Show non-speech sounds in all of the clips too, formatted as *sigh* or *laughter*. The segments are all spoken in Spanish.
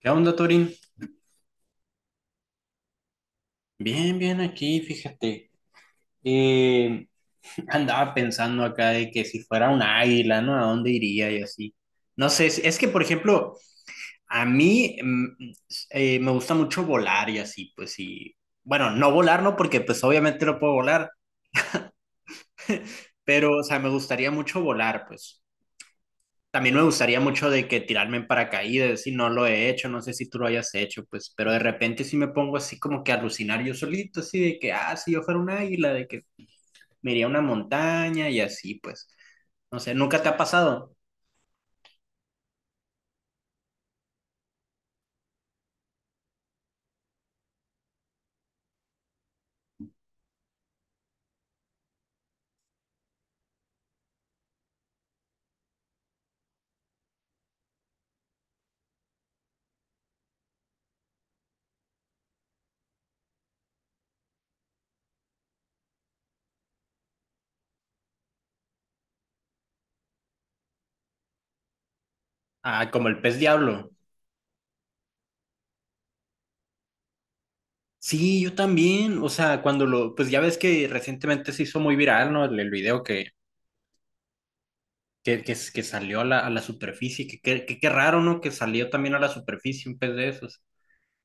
¿Qué onda, Torin? Bien, bien aquí, fíjate. Eh, andaba pensando acá de que si fuera un águila, ¿no? ¿A dónde iría y así? No sé, es que, por ejemplo, a mí me gusta mucho volar y así, pues sí. Bueno, no volar, no, porque pues obviamente no puedo volar, pero, o sea, me gustaría mucho volar, pues. También me gustaría mucho de que tirarme en paracaídas, si no lo he hecho, no sé si tú lo hayas hecho, pues, pero de repente sí me pongo así como que a alucinar yo solito, así de que, ah, si yo fuera un águila, de que me iría a una montaña y así, pues. No sé, ¿nunca te ha pasado? Ah, como el pez diablo. Sí, yo también, o sea, cuando lo, pues ya ves que recientemente se hizo muy viral, ¿no? El video que salió a la superficie, que qué raro, ¿no? Que salió también a la superficie un pez de esos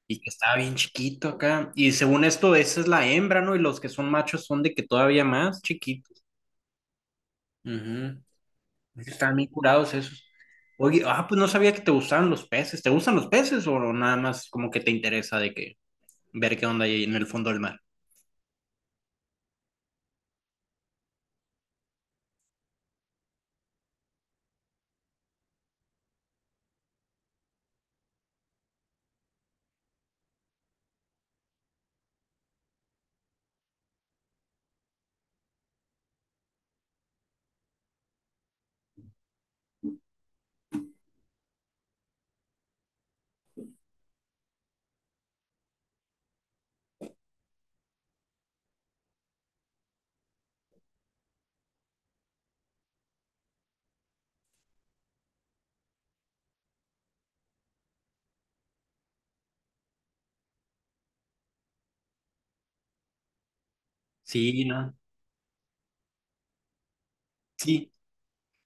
y que estaba bien chiquito acá. Y según esto, esa es la hembra, ¿no? Y los que son machos son de que todavía más chiquitos. Ujú. Están bien curados esos. Oye, ah, pues no sabía que te gustaban los peces. ¿Te gustan los peces o nada más como que te interesa de que ver qué onda hay en el fondo del mar? Sí, no, sí,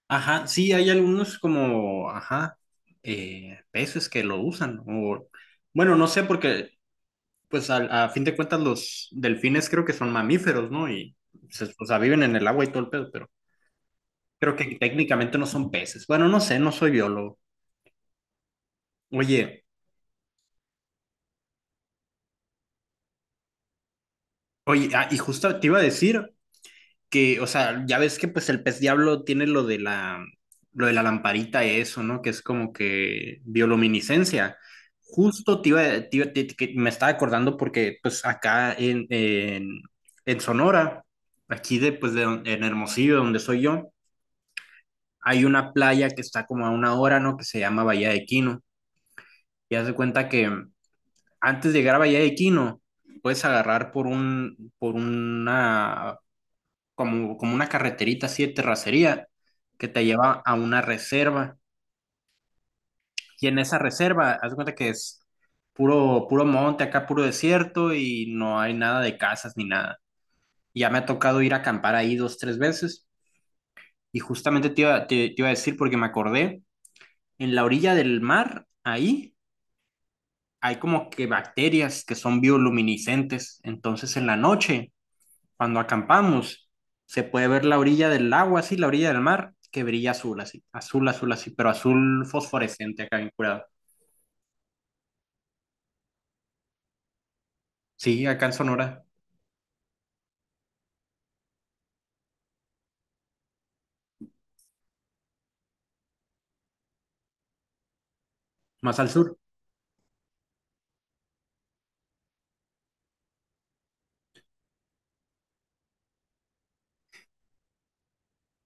ajá, sí, hay algunos como, ajá, peces que lo usan. O, bueno, no sé, porque pues a fin de cuentas los delfines creo que son mamíferos, ¿no? Y o sea, viven en el agua y todo el pedo, pero creo que técnicamente no son peces. Bueno, no sé, no soy biólogo. Oye, oye, ah, y justo te iba a decir. Que, o sea, ya ves que pues el pez diablo tiene lo de lo de la lamparita y eso, ¿no? Que es como que bioluminiscencia. Justo que me estaba acordando porque pues acá en Sonora, aquí de, pues, de, en Hermosillo, donde soy yo, hay una playa que está como a una hora, ¿no? Que se llama Bahía de Quino. Y haz de cuenta que antes de llegar a Bahía de Quino, puedes agarrar por una, como una carreterita así de terracería que te lleva a una reserva. Y en esa reserva, haz de cuenta que es puro monte, acá puro desierto y no hay nada de casas ni nada. Ya me ha tocado ir a acampar ahí dos, tres veces y justamente te iba a decir porque me acordé, en la orilla del mar, ahí hay como que bacterias que son bioluminiscentes. Entonces en la noche cuando acampamos, se puede ver la orilla del agua, así, la orilla del mar, que brilla azul, así, azul, azul, así, pero azul fosforescente acá bien curado. Sí, acá en Sonora, más al sur.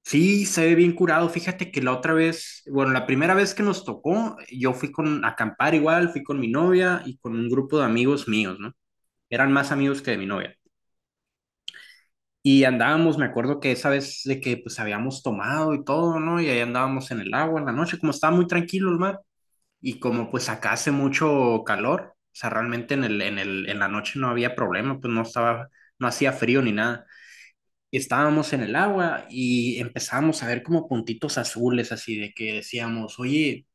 Sí, se ve bien curado. Fíjate que la otra vez, bueno, la primera vez que nos tocó, yo fui con a acampar igual, fui con mi novia y con un grupo de amigos míos, ¿no? Eran más amigos que de mi novia. Y andábamos, me acuerdo que esa vez de que pues habíamos tomado y todo, ¿no? Y ahí andábamos en el agua en la noche, como estaba muy tranquilo el mar. Y como pues acá hace mucho calor, o sea, realmente en la noche no había problema, pues no estaba, no hacía frío ni nada. Y estábamos en el agua y empezábamos a ver como puntitos azules, así de que decíamos, oye,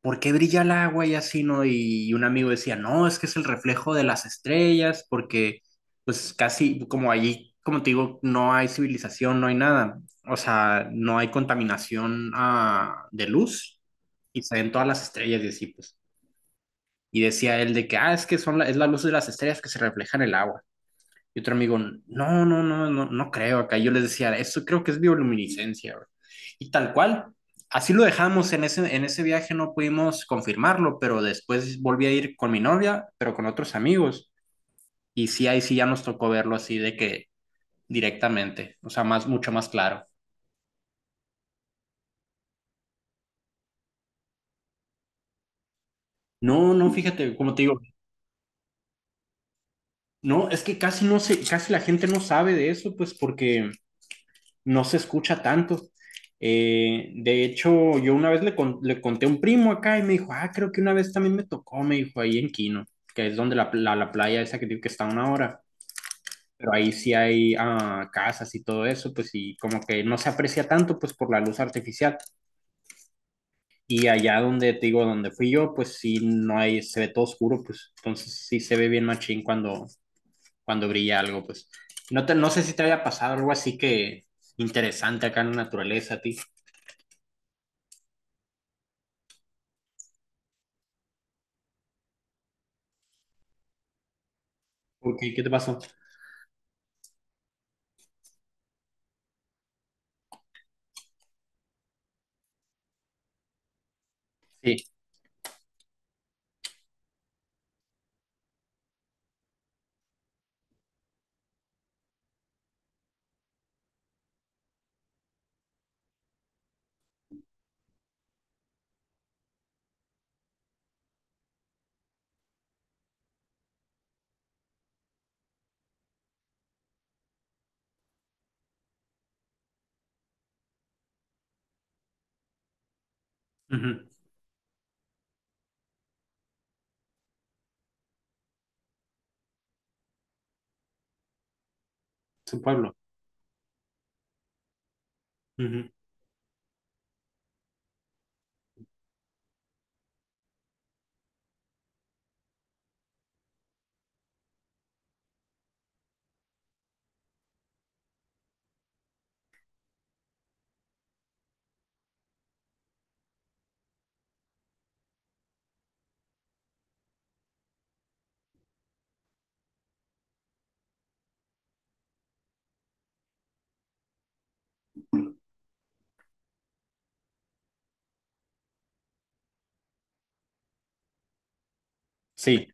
¿por qué brilla el agua y así, no? Y un amigo decía, no, es que es el reflejo de las estrellas, porque pues casi como allí, como te digo, no hay civilización, no hay nada, o sea, no hay contaminación de luz y se ven todas las estrellas y así, pues. Y decía él de que, ah, es que son la, es la luz de las estrellas que se refleja en el agua. Y otro amigo, no, no creo acá. Yo les decía, eso creo que es bioluminiscencia, bro". Y tal cual, así lo dejamos en ese viaje, no pudimos confirmarlo, pero después volví a ir con mi novia, pero con otros amigos. Y sí, ahí sí ya nos tocó verlo así de que directamente, o sea, más, mucho más claro. No, no, fíjate, como te digo, no, es que casi no sé, casi la gente no sabe de eso, pues porque no se escucha tanto. De hecho, yo una vez le conté a un primo acá y me dijo, ah, creo que una vez también me tocó, me dijo, ahí en Quino, que es donde la playa esa que digo que está a una hora, pero ahí sí hay casas y todo eso, pues y como que no se aprecia tanto, pues por la luz artificial. Y allá donde te digo, donde fui yo, pues sí, no hay, se ve todo oscuro, pues entonces sí se ve bien machín cuando, cuando brilla algo, pues. No, no sé si te haya pasado algo así que interesante acá en la naturaleza a ti. Ok, ¿qué te pasó? Sí. Ujú. Es un pueblo. Ujú. Sí.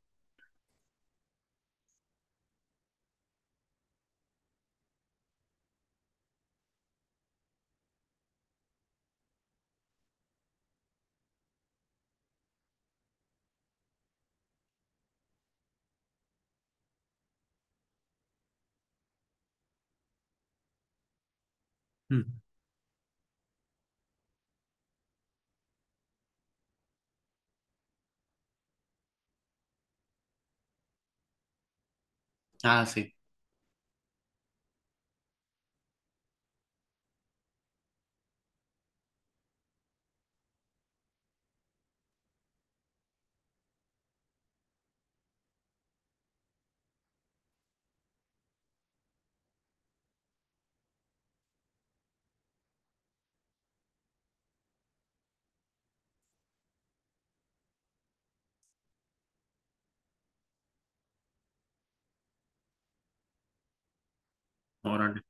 Ujú. Ah, sí. Órale.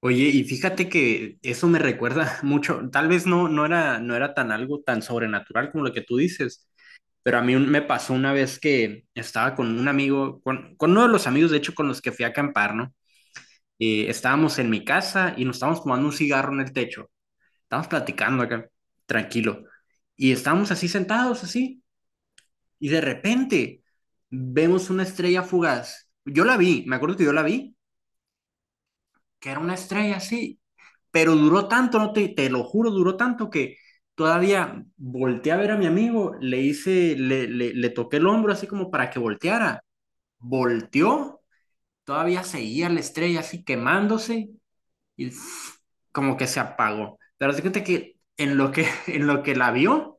Oye, y fíjate que eso me recuerda *laughs* mucho, tal vez no, no era, no era tan algo tan sobrenatural como lo que tú dices, pero a mí me pasó una vez que estaba con un amigo, con uno de los amigos, de hecho, con los que fui a acampar, ¿no? Estábamos en mi casa y nos estábamos fumando un cigarro en el techo, estábamos platicando acá, tranquilo, y estábamos así sentados, así. Y de repente vemos una estrella fugaz. Yo la vi, me acuerdo que yo la vi, que era una estrella así, pero duró tanto, no te lo juro, duró tanto que todavía volteé a ver a mi amigo, le hice, le toqué el hombro así como para que volteara. Volteó, todavía seguía la estrella así quemándose y ¡fuf! Como que se apagó. Pero das cuenta que en lo que, *laughs* en lo que la vio,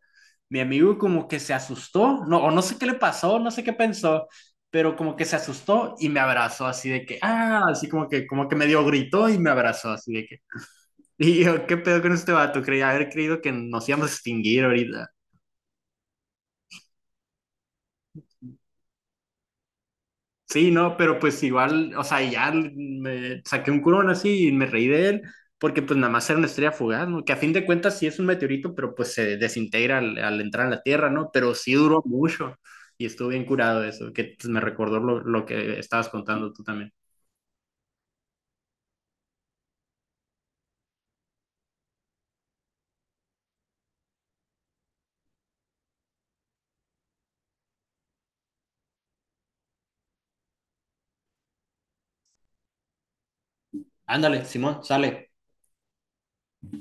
mi amigo como que se asustó, no, o no sé qué le pasó, no sé qué pensó, pero como que se asustó y me abrazó así de que, ah, así como que medio gritó y me abrazó así de que. *laughs* Y yo, ¿qué pedo con este vato? Creía haber creído que nos íbamos a extinguir ahorita. Sí, no, pero pues igual, o sea, ya me saqué un curón así y me reí de él, porque pues nada más era una estrella fugaz, ¿no? Que a fin de cuentas sí es un meteorito, pero pues se desintegra al entrar en la Tierra, ¿no? Pero sí duró mucho y estuve bien curado de eso, que pues, me recordó lo que estabas contando tú también. Ándale, Simón, sale.